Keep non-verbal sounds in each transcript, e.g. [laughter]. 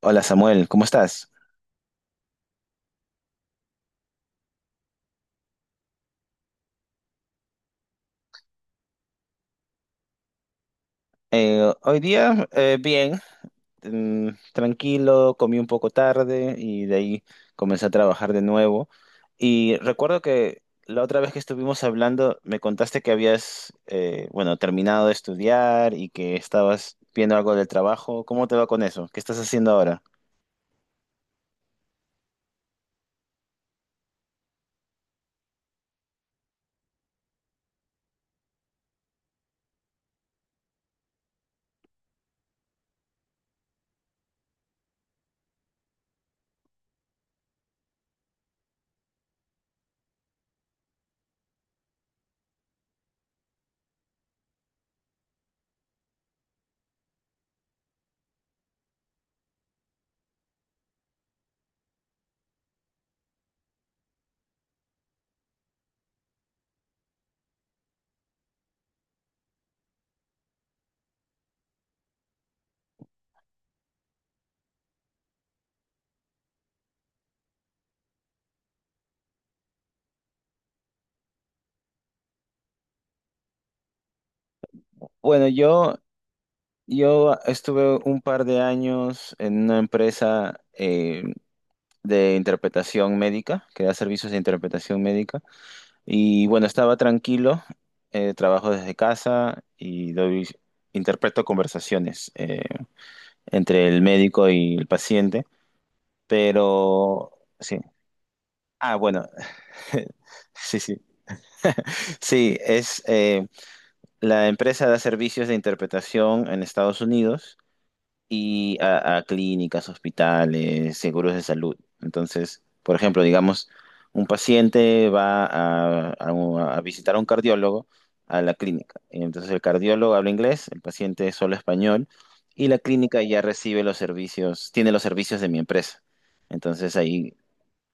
Hola Samuel, ¿cómo estás? Hoy día bien, tranquilo, comí un poco tarde y de ahí comencé a trabajar de nuevo. Y recuerdo que la otra vez que estuvimos hablando me contaste que habías terminado de estudiar y que estabas viendo algo del trabajo. ¿Cómo te va con eso? ¿Qué estás haciendo ahora? Bueno, yo estuve un par de años en una empresa de interpretación médica, que da servicios de interpretación médica. Y bueno, estaba tranquilo, trabajo desde casa y doy, interpreto conversaciones entre el médico y el paciente, pero sí. Ah, bueno, [laughs] sí, sí. [laughs] Sí, es la empresa da servicios de interpretación en Estados Unidos y a clínicas, hospitales, seguros de salud. Entonces, por ejemplo, digamos, un paciente va a visitar a un cardiólogo a la clínica. Entonces, el cardiólogo habla inglés, el paciente solo español y la clínica ya recibe los servicios, tiene los servicios de mi empresa. Entonces, ahí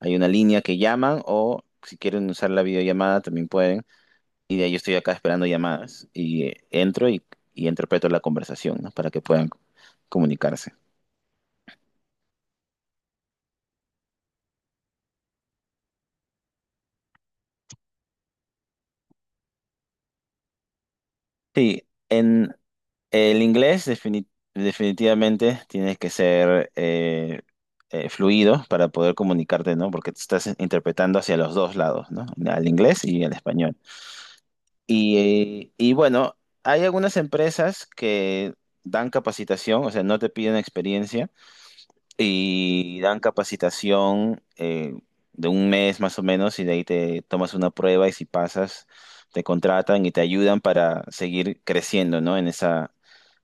hay una línea que llaman o si quieren usar la videollamada también pueden. Y de ahí yo estoy acá esperando llamadas y entro y interpreto la conversación, ¿no? Para que puedan comunicarse. Sí, en el inglés definitivamente tienes que ser fluido para poder comunicarte, ¿no? Porque te estás interpretando hacia los dos lados, ¿no? Al inglés y al español. Y bueno, hay algunas empresas que dan capacitación, o sea, no te piden experiencia y dan capacitación de un mes más o menos y de ahí te tomas una prueba y si pasas te contratan y te ayudan para seguir creciendo, ¿no?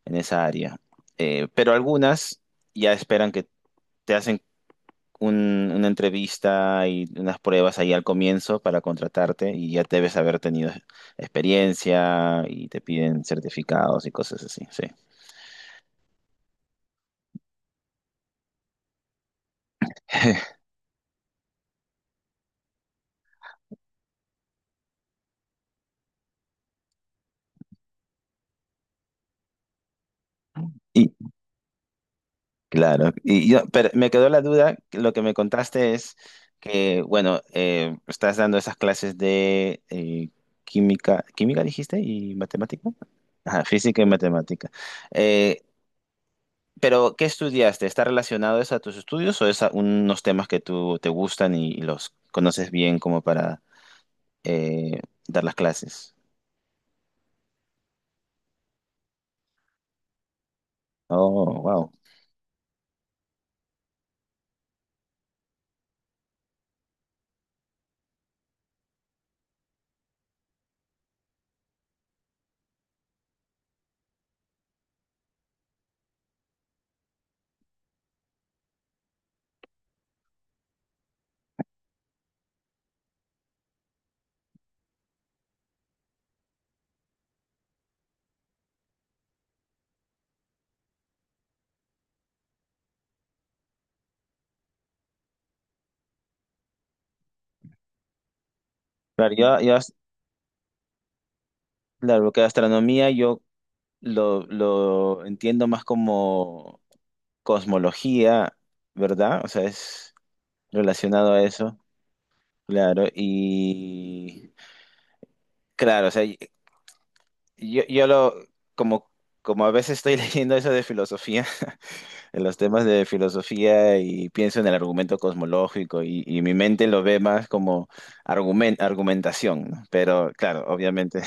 En esa área. Pero algunas ya esperan que te hacen una entrevista y unas pruebas ahí al comienzo para contratarte y ya debes haber tenido experiencia y te piden certificados y cosas así, sí. [laughs] Y, claro, y yo, pero me quedó la duda, que lo que me contaste es que, bueno, estás dando esas clases de química dijiste, y matemática, ajá, física y matemática. Eh, pero, ¿qué estudiaste? ¿Está relacionado eso a tus estudios o es a unos temas que tú te gustan y los conoces bien como para eh, dar las clases? Oh, wow. Claro, claro, que astronomía lo entiendo más como cosmología, ¿verdad? O sea, es relacionado a eso, claro. Y claro, o sea, yo, yo lo, como, como a veces estoy [laughs] leyendo eso de filosofía, en los temas de filosofía y pienso en el argumento cosmológico y mi mente lo ve más como argumentación, ¿no? Pero claro, obviamente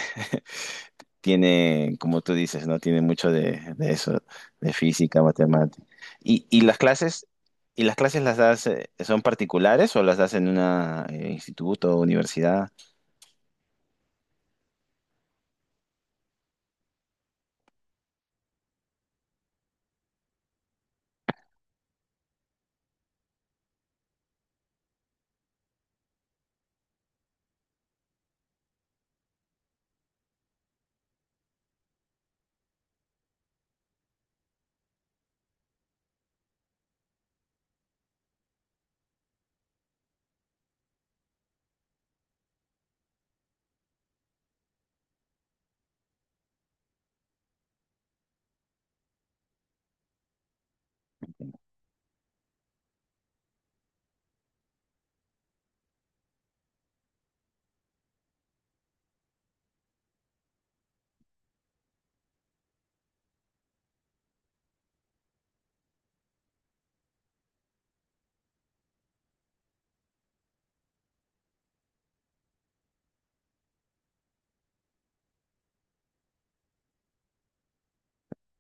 tiene, como tú dices, ¿no? Tiene mucho de eso, de física, matemática. ¿Y, y las clases, y las clases las das, son particulares o las das en un instituto o universidad?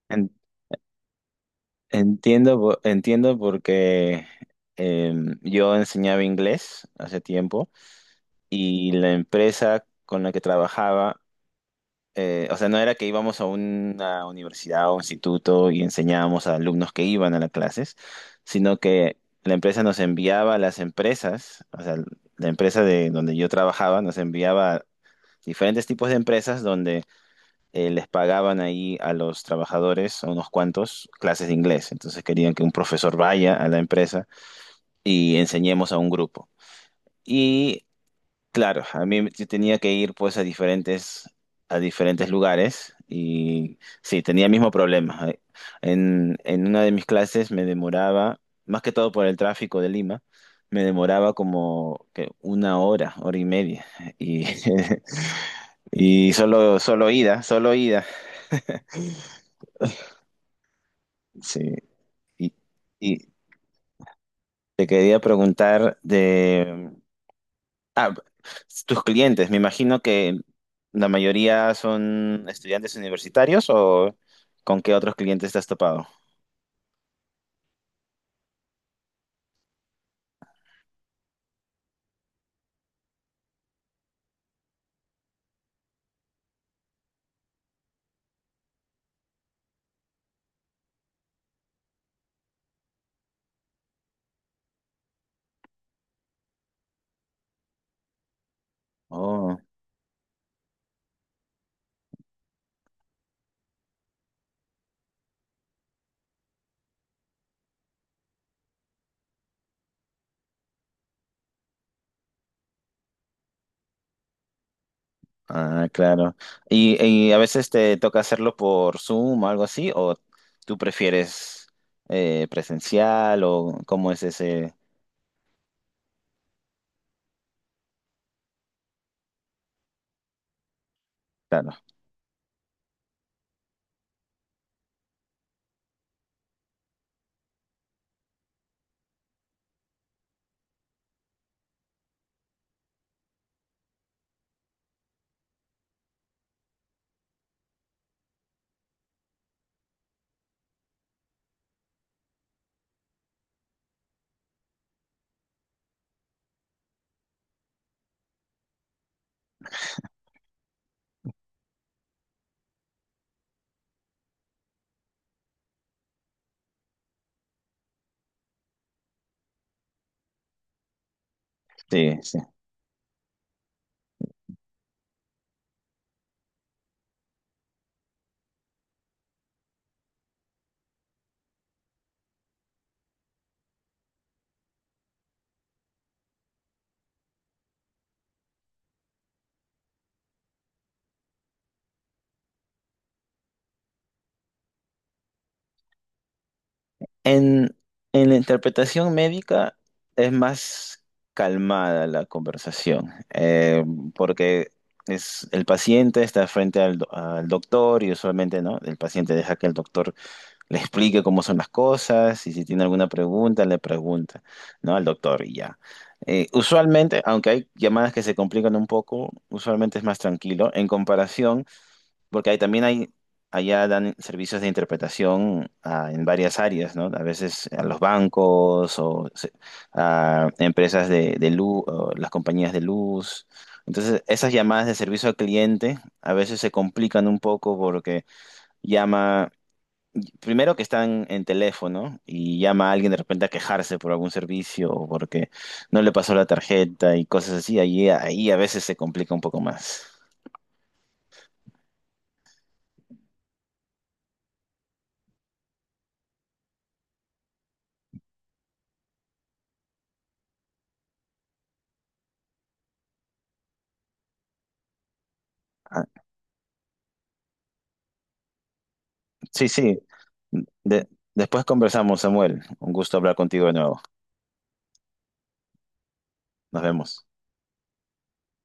En- entiendo, entiendo porque eh, yo enseñaba inglés hace tiempo y la empresa con la que trabajaba o sea, no era que íbamos a una universidad o instituto y enseñábamos a alumnos que iban a las clases, sino que la empresa nos enviaba a las empresas, o sea, la empresa de donde yo trabajaba nos enviaba a diferentes tipos de empresas donde les pagaban ahí a los trabajadores, a unos cuantos, clases de inglés. Entonces querían que un profesor vaya a la empresa y enseñemos a un grupo. Y claro, a mí yo tenía que ir pues a diferentes lugares y sí, tenía el mismo problema. En una de mis clases me demoraba, más que todo por el tráfico de Lima, me demoraba como que una hora, hora y media. Y, [laughs] y solo, solo ida, solo ida. Sí. Y, y te quería preguntar de ah, tus clientes, me imagino que la mayoría son estudiantes universitarios o ¿con qué otros clientes te has topado? Oh, ah, claro. Y a veces te toca hacerlo por Zoom o algo así? ¿O tú prefieres presencial o cómo es ese? Claro, sí, sí. En, en la interpretación médica es más calmada la conversación, porque es, el paciente está frente al, al doctor y usualmente ¿no? el paciente deja que el doctor le explique cómo son las cosas y si tiene alguna pregunta le pregunta ¿no? al doctor y ya. Usualmente, aunque hay llamadas que se complican un poco, usualmente es más tranquilo en comparación porque ahí también hay, allá dan servicios de interpretación ah, en varias áreas, ¿no? A veces a los bancos o a empresas de luz, las compañías de luz. Entonces, esas llamadas de servicio al cliente a veces se complican un poco porque llama, primero que están en teléfono y llama a alguien de repente a quejarse por algún servicio o porque no le pasó la tarjeta y cosas así. Ahí, ahí a veces se complica un poco más. Ah, sí, sí. De- después conversamos, Samuel. Un gusto hablar contigo de nuevo. Nos vemos.